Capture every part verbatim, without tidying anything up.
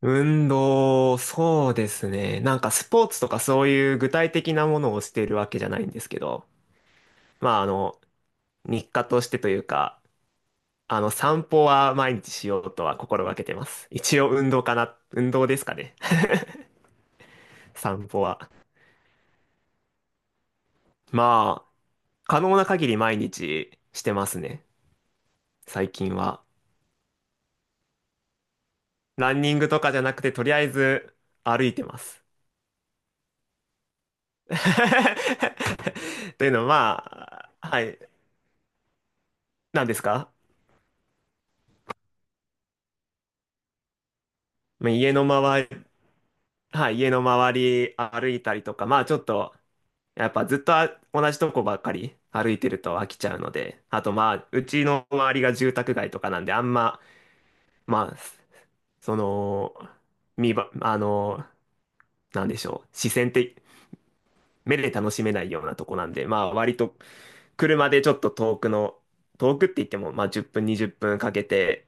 運動、そうですね。なんかスポーツとかそういう具体的なものをしているわけじゃないんですけど、まああの、日課としてというか、あの、散歩は毎日しようとは心がけてます。一応運動かな、運動ですかね。散歩は。まあ、可能な限り毎日してますね。最近は。ランニングとかじゃなくて、とりあえず歩いてます。というのは、まあ、はい。何ですか？まあ家の周はい、家の周り歩いたりとか、まあちょっと、やっぱずっとあ同じとこばっかり歩いてると飽きちゃうので、あとまあ、うちの周りが住宅街とかなんで、あんま、まあ、その、見ば、あの、なんでしょう、視線って、目で楽しめないようなとこなんで、まあ割と車でちょっと遠くの、遠くって言っても、まあじゅっぷん、にじゅっぷんかけて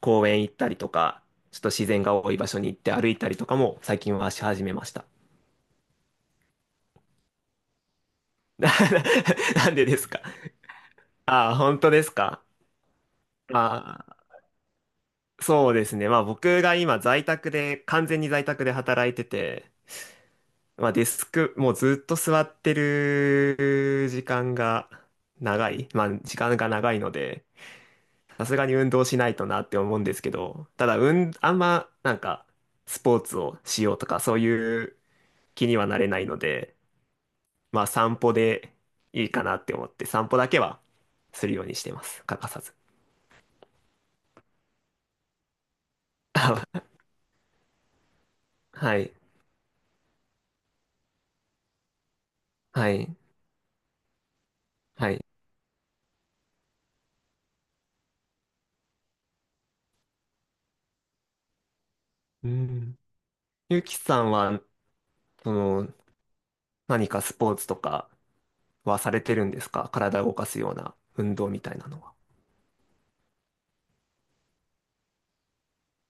公園行ったりとか、ちょっと自然が多い場所に行って歩いたりとかも最近はし始めました。なんでですか？あ、本当ですか？まあ、そうですね。まあ僕が今在宅で、完全に在宅で働いてて、まあデスク、もうずっと座ってる時間が長い。まあ時間が長いので、さすがに運動しないとなって思うんですけど、ただ、うん、あんまなんかスポーツをしようとかそういう気にはなれないので、まあ散歩でいいかなって思って、散歩だけはするようにしてます。欠かさず。はい。はい。はい。うん。ゆきさんは、その、何かスポーツとかはされてるんですか？体を動かすような運動みたいなのは。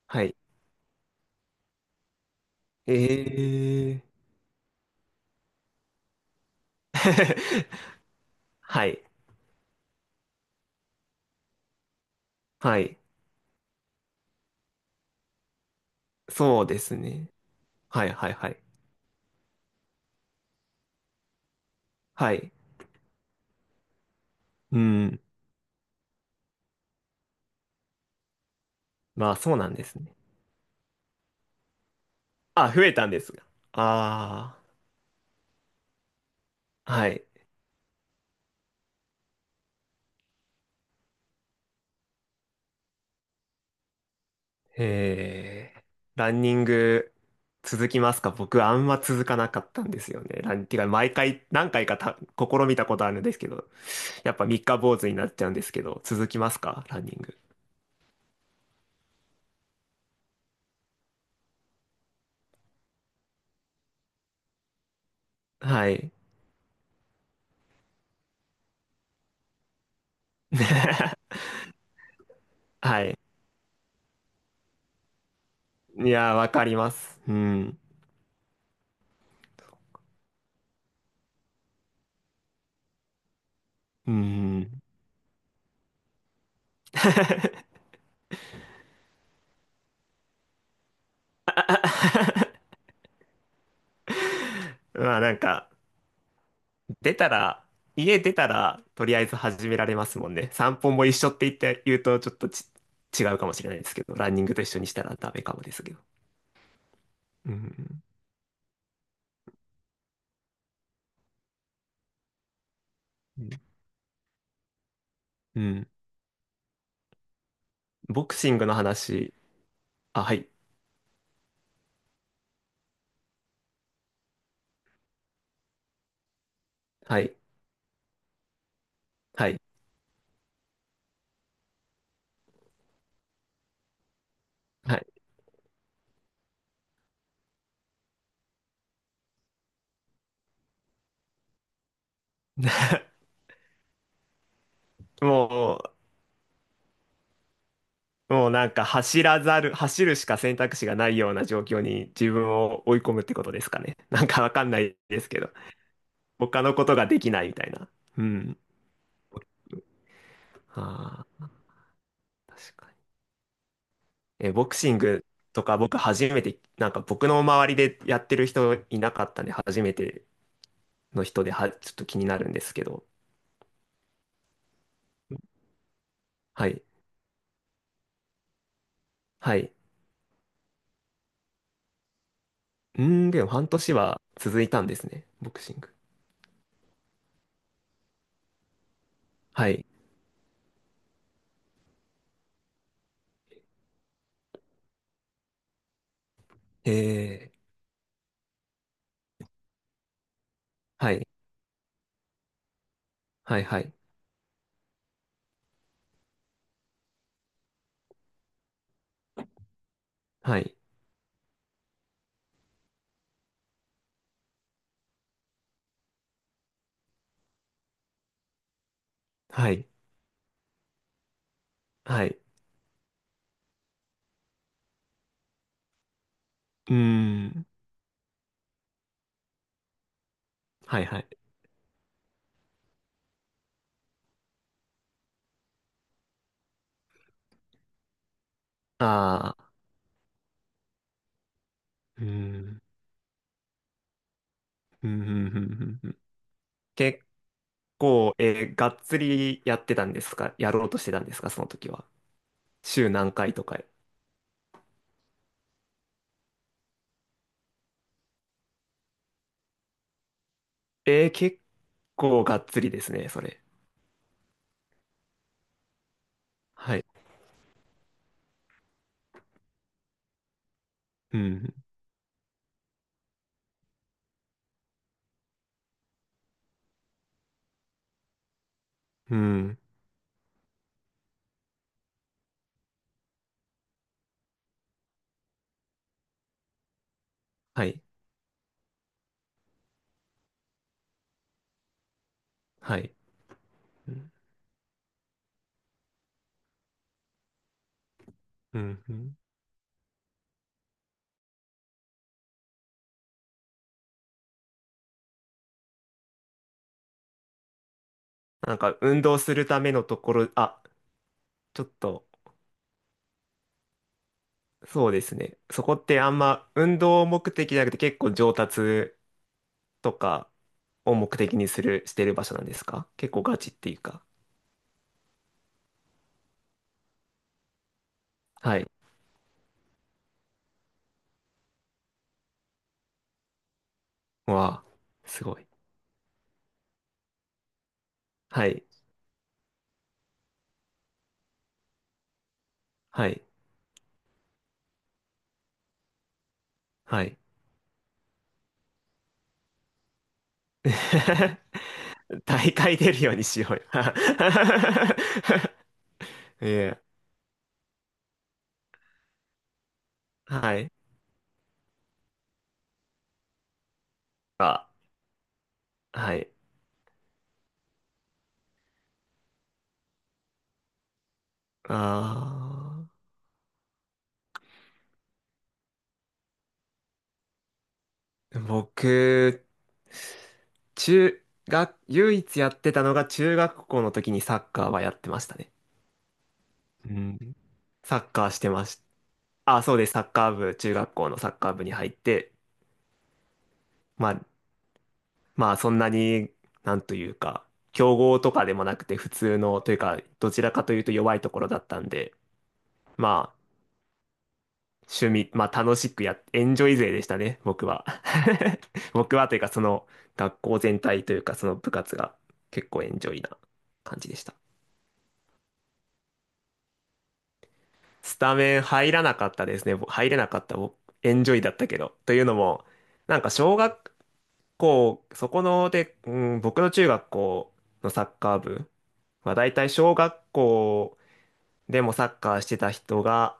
はい。ええ はい。はい。そうですね。はい、はい、はい。はい。うん。まあ、そうなんですね。あ、増えたんですが。ああ、はい。えーランニング続きますか？僕、あんま続かなかったんですよね。ラン、てか、毎回、何回かた試みたことあるんですけど、やっぱ三日坊主になっちゃうんですけど、続きますかランニング？はい。はい。いやー、わかります。うん。うん。まあなんか、出たら、家出たら、とりあえず始められますもんね。散歩も一緒って言って言うと、ちょっとち違うかもしれないですけど、ランニングと一緒にしたらダメかもですけど。うん。うんうん。ボクシングの話、あ、はい。はい。はい。はい。もう、もうなんか走らざる、走るしか選択肢がないような状況に自分を追い込むってことですかね。なんかわかんないですけど、他のことができないみたいな。うん。ああ、確かに。え、ボクシングとか僕初めて、なんか僕の周りでやってる人いなかったんで、初めての人では、ちょっと気になるんですけど。はい。はい。うーん、でも半年は続いたんですね、ボクシング。はい。えー、はい。はい、はい。はい。はい。はい。うーん。はいはい。ああ。うーん。うん、うん、うん、うんうん。結構、えーがっつりやってたんですか？やろうとしてたんですかその時は？週何回とか。えー結構がっつりですね、それ。はい。うん。うん。はい。はい。うん。うん。うん。なんか、運動するためのところ、あ、ちょっと、そうですね。そこってあんま、運動目的じゃなくて結構上達とかを目的にする、してる場所なんですか？結構ガチっていうか。はい。わあ、すごい。はい。はい。はい。大会出るようにしようよ。いえ、はい。あ、はい。あー、僕、中学、唯一やってたのが中学校の時にサッカーはやってましたね。うん。サッカーしてました。あ、そうです。サッカー部、中学校のサッカー部に入って、まあ、まあそんなに、なんというか、強豪とかでもなくて普通の、というか、どちらかというと弱いところだったんで、まあ、趣味、まあ楽しくやっ、エンジョイ勢でしたね、僕は。僕はというか、その学校全体というか、その部活が結構エンジョイな感じでした。スタメン入らなかったですね。ぼ入れなかった、僕エンジョイだったけど。というのも、なんか小学、構、そこので、うん、僕の中学校のサッカー部、まあ大体小学校でもサッカーしてた人が、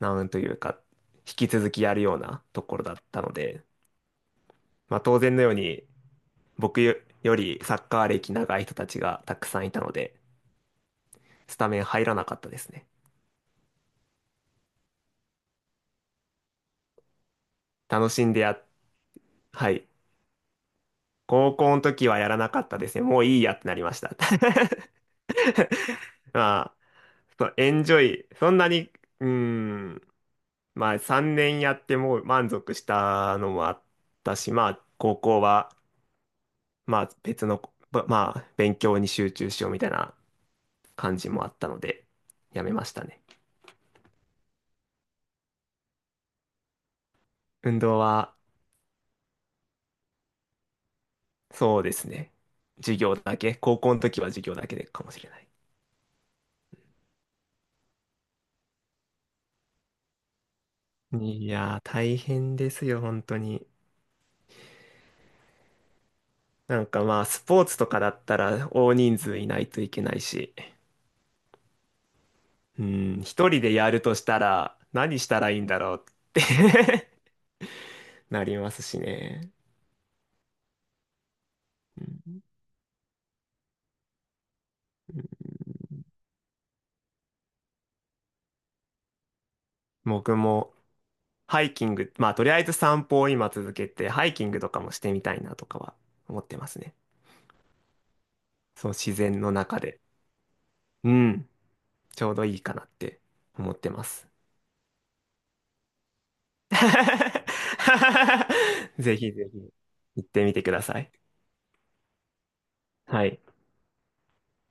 なんというか、引き続きやるようなところだったので、まあ当然のように、僕よよりサッカー歴長い人たちがたくさんいたので、スタメン入らなかったですね。楽しんでや、はい。高校の時はやらなかったですね。もういいやってなりました。まあ、そうエンジョイ、そんなに、うーん、まあさんねんやってもう満足したのもあったし、まあ高校はまあ別の、ばまあ勉強に集中しようみたいな感じもあったので、やめましたね。運動はそうですね。授業だけ、高校の時は授業だけでかもしれない。いやー大変ですよ、本当に。なんかまあスポーツとかだったら大人数いないといけないし、うん、一人でやるとしたら何したらいいんだろうって なりますしね。僕もハイキング、まあとりあえず散歩を今続けて、ハイキングとかもしてみたいなとかは思ってますね。そう、自然の中で。うん、ちょうどいいかなって思ってます。ぜひぜひ行ってみてください。はい。